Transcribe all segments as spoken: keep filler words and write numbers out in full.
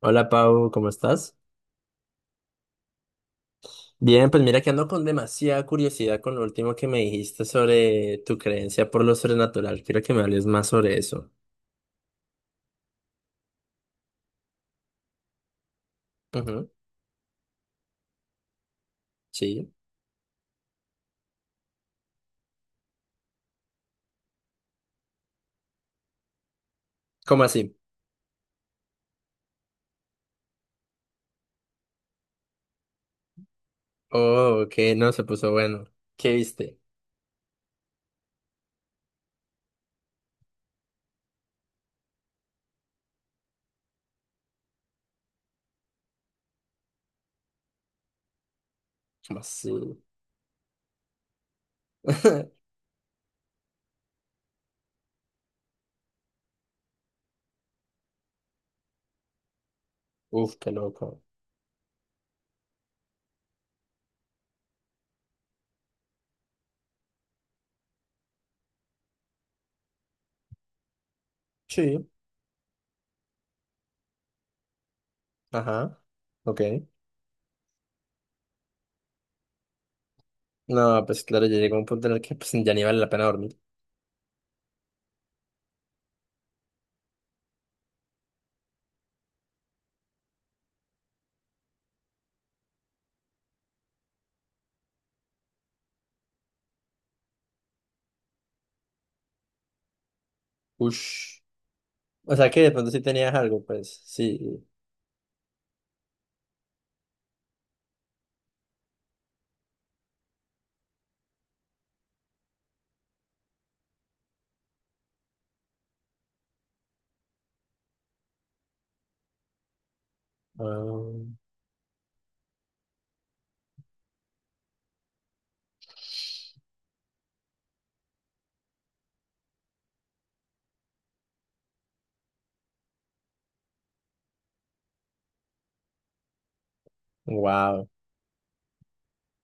Hola Pau, ¿cómo estás? Bien, pues mira que ando con demasiada curiosidad con lo último que me dijiste sobre tu creencia por lo sobrenatural. Quiero que me hables más sobre eso. Ujú, sí. ¿Cómo así? Oh, que no, se puso bueno. ¿Qué viste? ¿Cómo así? Uf, qué loco. Sí. Ajá. Ok. No, pues claro, ya llegó un punto en el que pues ya ni vale la pena dormir. Ush. O sea que de pronto sí tenías algo, pues sí. wow.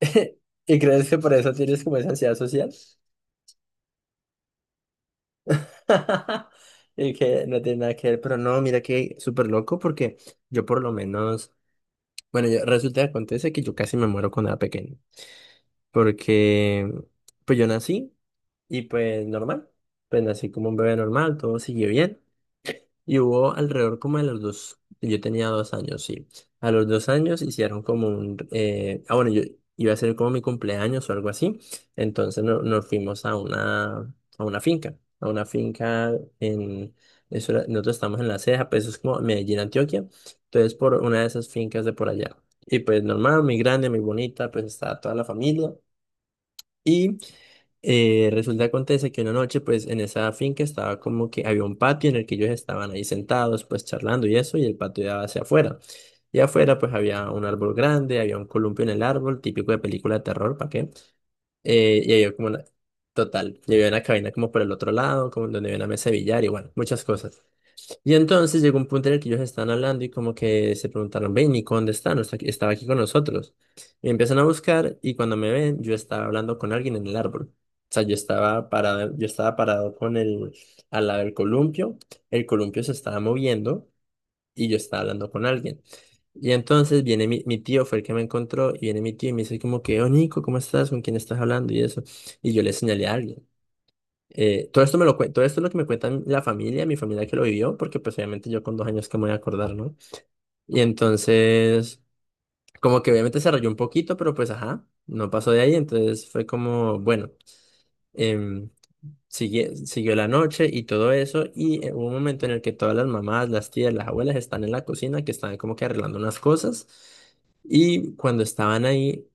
¿Y crees que por eso tienes como esa ansiedad social? Y que no tiene nada que ver, pero no, mira que súper loco porque yo por lo menos, bueno, yo- resulta que acontece que yo casi me muero cuando era pequeño, porque pues yo nací y pues normal, pues nací como un bebé normal, todo siguió bien. Y hubo alrededor como de los dos, yo tenía dos años, sí. A los dos años hicieron como un, eh, ah, bueno, yo iba a ser como mi cumpleaños o algo así. Entonces no- nos fuimos a una, a una finca, a una finca en, eso era- nosotros estamos en La Ceja, pues eso es como Medellín, Antioquia. Entonces por una de esas fincas de por allá. Y pues normal, muy grande, muy bonita, pues estaba toda la familia. Eh, resulta acontece que una noche, pues en esa finca estaba como que había un patio en el que ellos estaban ahí sentados, pues charlando y eso, y el patio daba hacia afuera. Y afuera, pues había un árbol grande, había un columpio en el árbol, típico de película de terror, ¿para qué? Eh, y había como una, total, y había una cabina como por el otro lado, como donde había una mesa de billar y bueno, muchas cosas. Y entonces llegó un punto en el que ellos estaban hablando y como que se preguntaron, ven, Nico, ¿dónde está? No está aquí- estaba aquí con nosotros. Y empiezan a buscar y cuando me ven, yo estaba hablando con alguien en el árbol. O sea, yo estaba parado, yo estaba parado con el, al lado del columpio, el columpio se estaba moviendo y yo estaba hablando con alguien. Y entonces viene mi, mi tío, fue el que me encontró, y viene mi tío y me dice como que, oh, Nico, ¿cómo estás? ¿Con quién estás hablando? Y eso. Y yo le señalé a alguien. Eh, todo esto me lo cuen- todo esto es lo que me cuentan la familia, mi familia que lo vivió, porque pues obviamente yo con dos años que me voy a acordar, ¿no? Y entonces, como que obviamente se rayó un poquito, pero pues ajá, no pasó de ahí, entonces fue como, bueno, em, sigue- siguió la noche y todo eso, y eh, hubo un momento en el que todas las mamás, las tías, las abuelas están en la cocina, que están como que arreglando unas cosas, y cuando estaban ahí,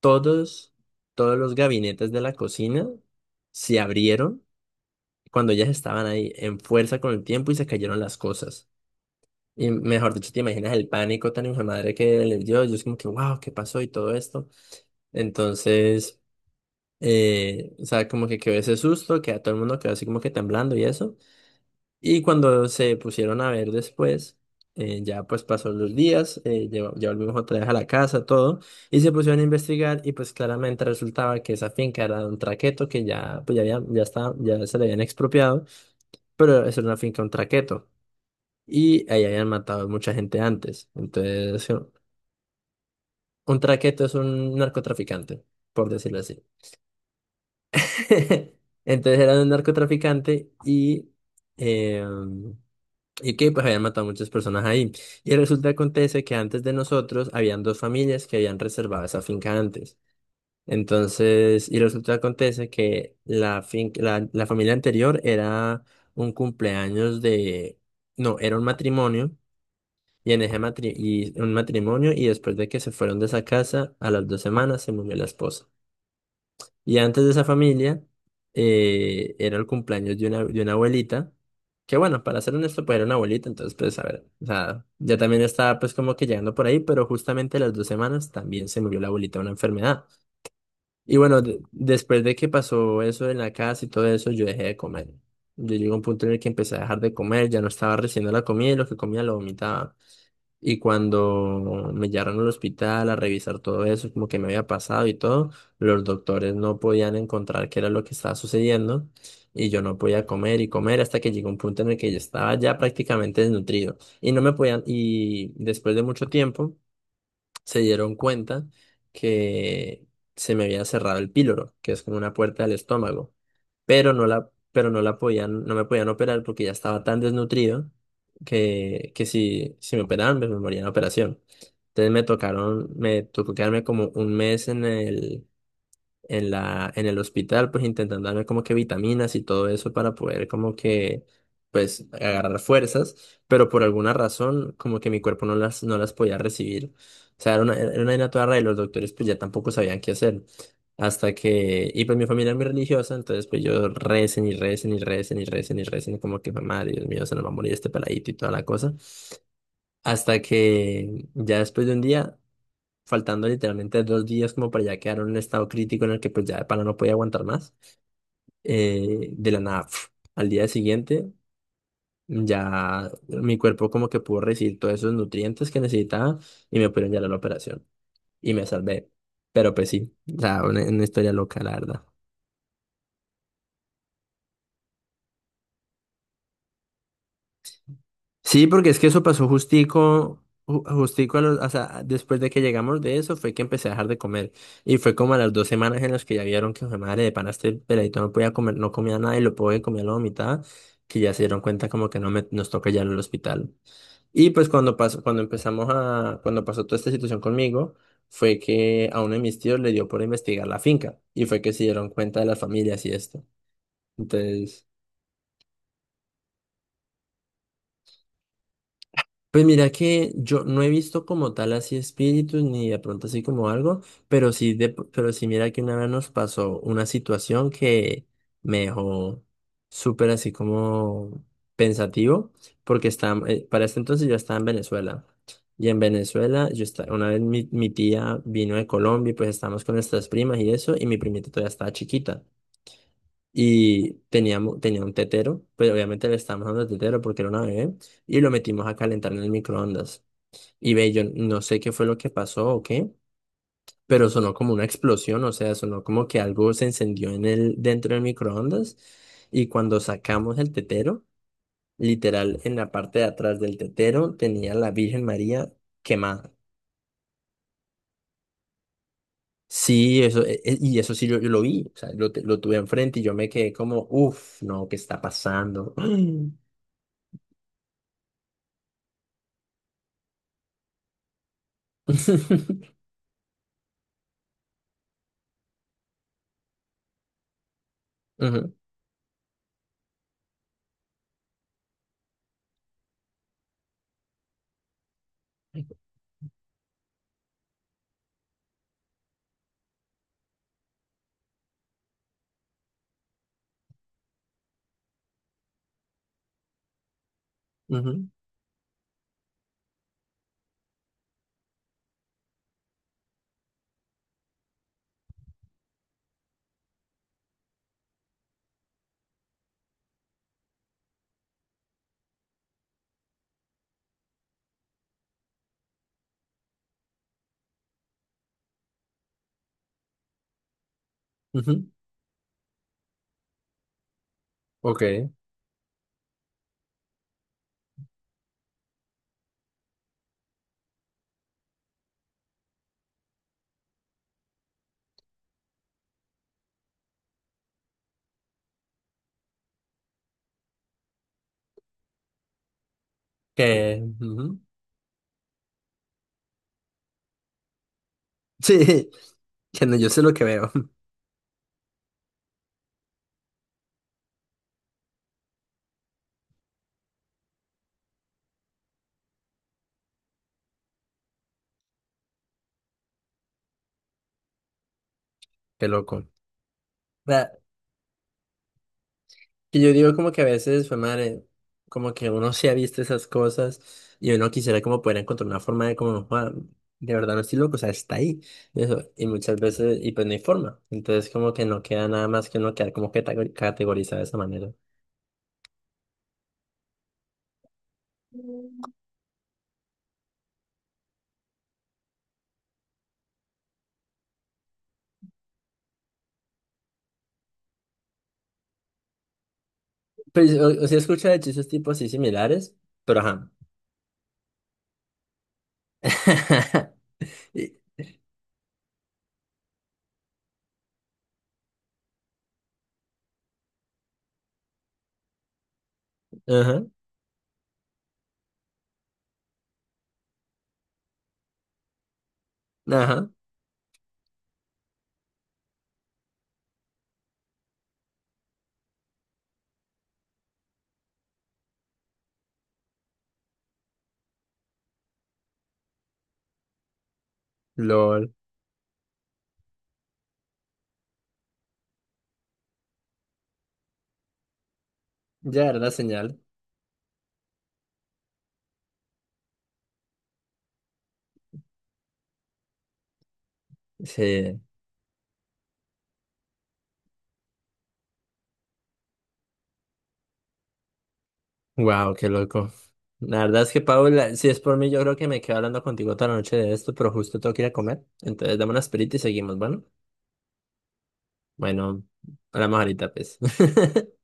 todos, todos los gabinetes de la cocina se abrieron cuando ellas estaban ahí en fuerza con el tiempo y se cayeron las cosas. Y mejor dicho, te imaginas el pánico tan hijo de madre que les dio. Yo es como que, wow, ¿qué pasó? Y todo esto. Entonces, eh, o sea, como que quedó ese susto, que a todo el mundo quedó así como que temblando y eso. Y cuando se pusieron a ver después, eh, ya pues pasó los días, eh, ya, ya volvimos otra vez a la casa, todo. Y se pusieron a investigar y pues claramente resultaba que esa finca era de un traqueto que ya, pues ya, había, ya, estaba, ya se le habían expropiado, pero es una finca, un traqueto. Y ahí habían matado mucha gente antes. Entonces, sí, un traqueto es un narcotraficante, por decirlo así. Entonces era un narcotraficante y, eh, y que pues habían matado muchas personas ahí. Y resulta que acontece que antes de nosotros habían dos familias que habían reservado esa finca antes. Entonces, y resulta que acontece que la, finca, la, la familia anterior era un cumpleaños de, no, era un matrimonio. Y en ese matri- y un matrimonio, y después de que se fueron de esa casa, a las dos semanas se murió la esposa. Y antes de esa familia, eh, era el cumpleaños de una, de una abuelita, que bueno, para ser honesto, pues era una abuelita, entonces pues a ver, o sea, ya también estaba pues como que llegando por ahí, pero justamente a las dos semanas también se murió la abuelita de una enfermedad. Y bueno, de- después de que pasó eso en la casa y todo eso, yo dejé de comer. Yo llegué a un punto en el que empecé a dejar de comer, ya no estaba recibiendo la comida y lo que comía lo vomitaba. Y cuando me llevaron al hospital a revisar todo eso, como que me había pasado y todo, los doctores no podían encontrar qué era lo que estaba sucediendo y yo no podía comer y comer hasta que llegó un punto en el que yo estaba ya prácticamente desnutrido y no me podían, y después de mucho tiempo se dieron cuenta que se me había cerrado el píloro, que es como una puerta del estómago, pero no la, pero no la podían, no me podían operar porque ya estaba tan desnutrido que, que si, si me operaban, pues me moría en la operación. Entonces me tocaron, me tocó quedarme como un mes en el, en la, en el hospital, pues intentando darme como que vitaminas y todo eso para poder como que, pues, agarrar fuerzas, pero por alguna razón como que mi cuerpo no las, no las podía recibir. O sea, era una, era una vaina toda rara y los doctores pues ya tampoco sabían qué hacer. Hasta que, y pues mi familia es muy religiosa, entonces pues yo recen y recen y recen y recen y recen, como que, madre, Dios mío, se nos va a morir este peladito y toda la cosa. Hasta que ya después de un día faltando literalmente dos días como para ya quedar en un estado crítico en el que pues ya de pana no podía aguantar más. Eh, de la nada, pf, al día siguiente ya mi cuerpo como que pudo recibir todos esos nutrientes que necesitaba y me pudieron llevar a la operación y me salvé. Pero pues sí, o sea, una, una historia loca, la verdad. Sí, porque es que eso pasó justico, ju- justico a los, o sea, después de que llegamos de eso fue que empecé a dejar de comer. Y fue como a las dos semanas en las que ya vieron que, "Jue madre, de pana este peladito no podía comer, no comía nada y lo poco que comía lo vomitaba, que ya se dieron cuenta como que no me, nos toca ya ir al hospital. Y pues cuando pasó, cuando empezamos a, cuando pasó toda esta situación conmigo, fue que a uno de mis tíos le dio por investigar la finca. Y fue que se dieron cuenta de las familias y esto. Entonces... Pues mira que yo no he visto como tal así espíritus ni de pronto así como algo, pero sí de, pero sí mira que una vez nos pasó una situación que me dejó súper así como pensativo, porque estaba, eh, para este entonces yo estaba en Venezuela. Y en Venezuela, yo estaba, una vez mi, mi tía vino de Colombia y pues estábamos con nuestras primas y eso, y mi primita todavía estaba chiquita. Y teníamos, tenía un tetero, pues obviamente le estábamos dando el tetero porque era una bebé, y lo metimos a calentar en el microondas. Y ve, yo no sé qué fue lo que pasó o qué, pero sonó como una explosión, o sea, sonó como que algo se encendió en el, dentro del microondas. Y cuando sacamos el tetero, literal, en la parte de atrás del tetero tenía la Virgen María quemada. Sí, eso, e- e- y eso sí yo, yo lo vi, o sea, lo, te- lo tuve enfrente y yo me quedé como, uff, no, ¿qué está pasando? Ujú, ujú, ujú. Ok. Que, ujú. Sí, que no, yo sé lo que veo. Qué loco. Y yo digo como que a veces, fue madre, como que uno se ha visto esas cosas y uno quisiera como poder encontrar una forma de como, "Joda, de verdad no estoy loco, o sea, está ahí. Y eso, y muchas veces, y pues no hay forma. Entonces como que no queda nada más que uno quedar como que tagori- categorizado de esa manera. Pero o, o sea, escucha de hechizos tipo así similares, pero ajá. Y- Ajá, ajá, lol. Ya era la señal. Sí. Wow, qué loco. La verdad es que, Paula, si es por mí, yo creo que me quedo hablando contigo toda la noche de esto, pero justo tengo que ir a comer. Entonces, dame una esperita y seguimos, bueno. Bueno, hablamos ahorita, pues.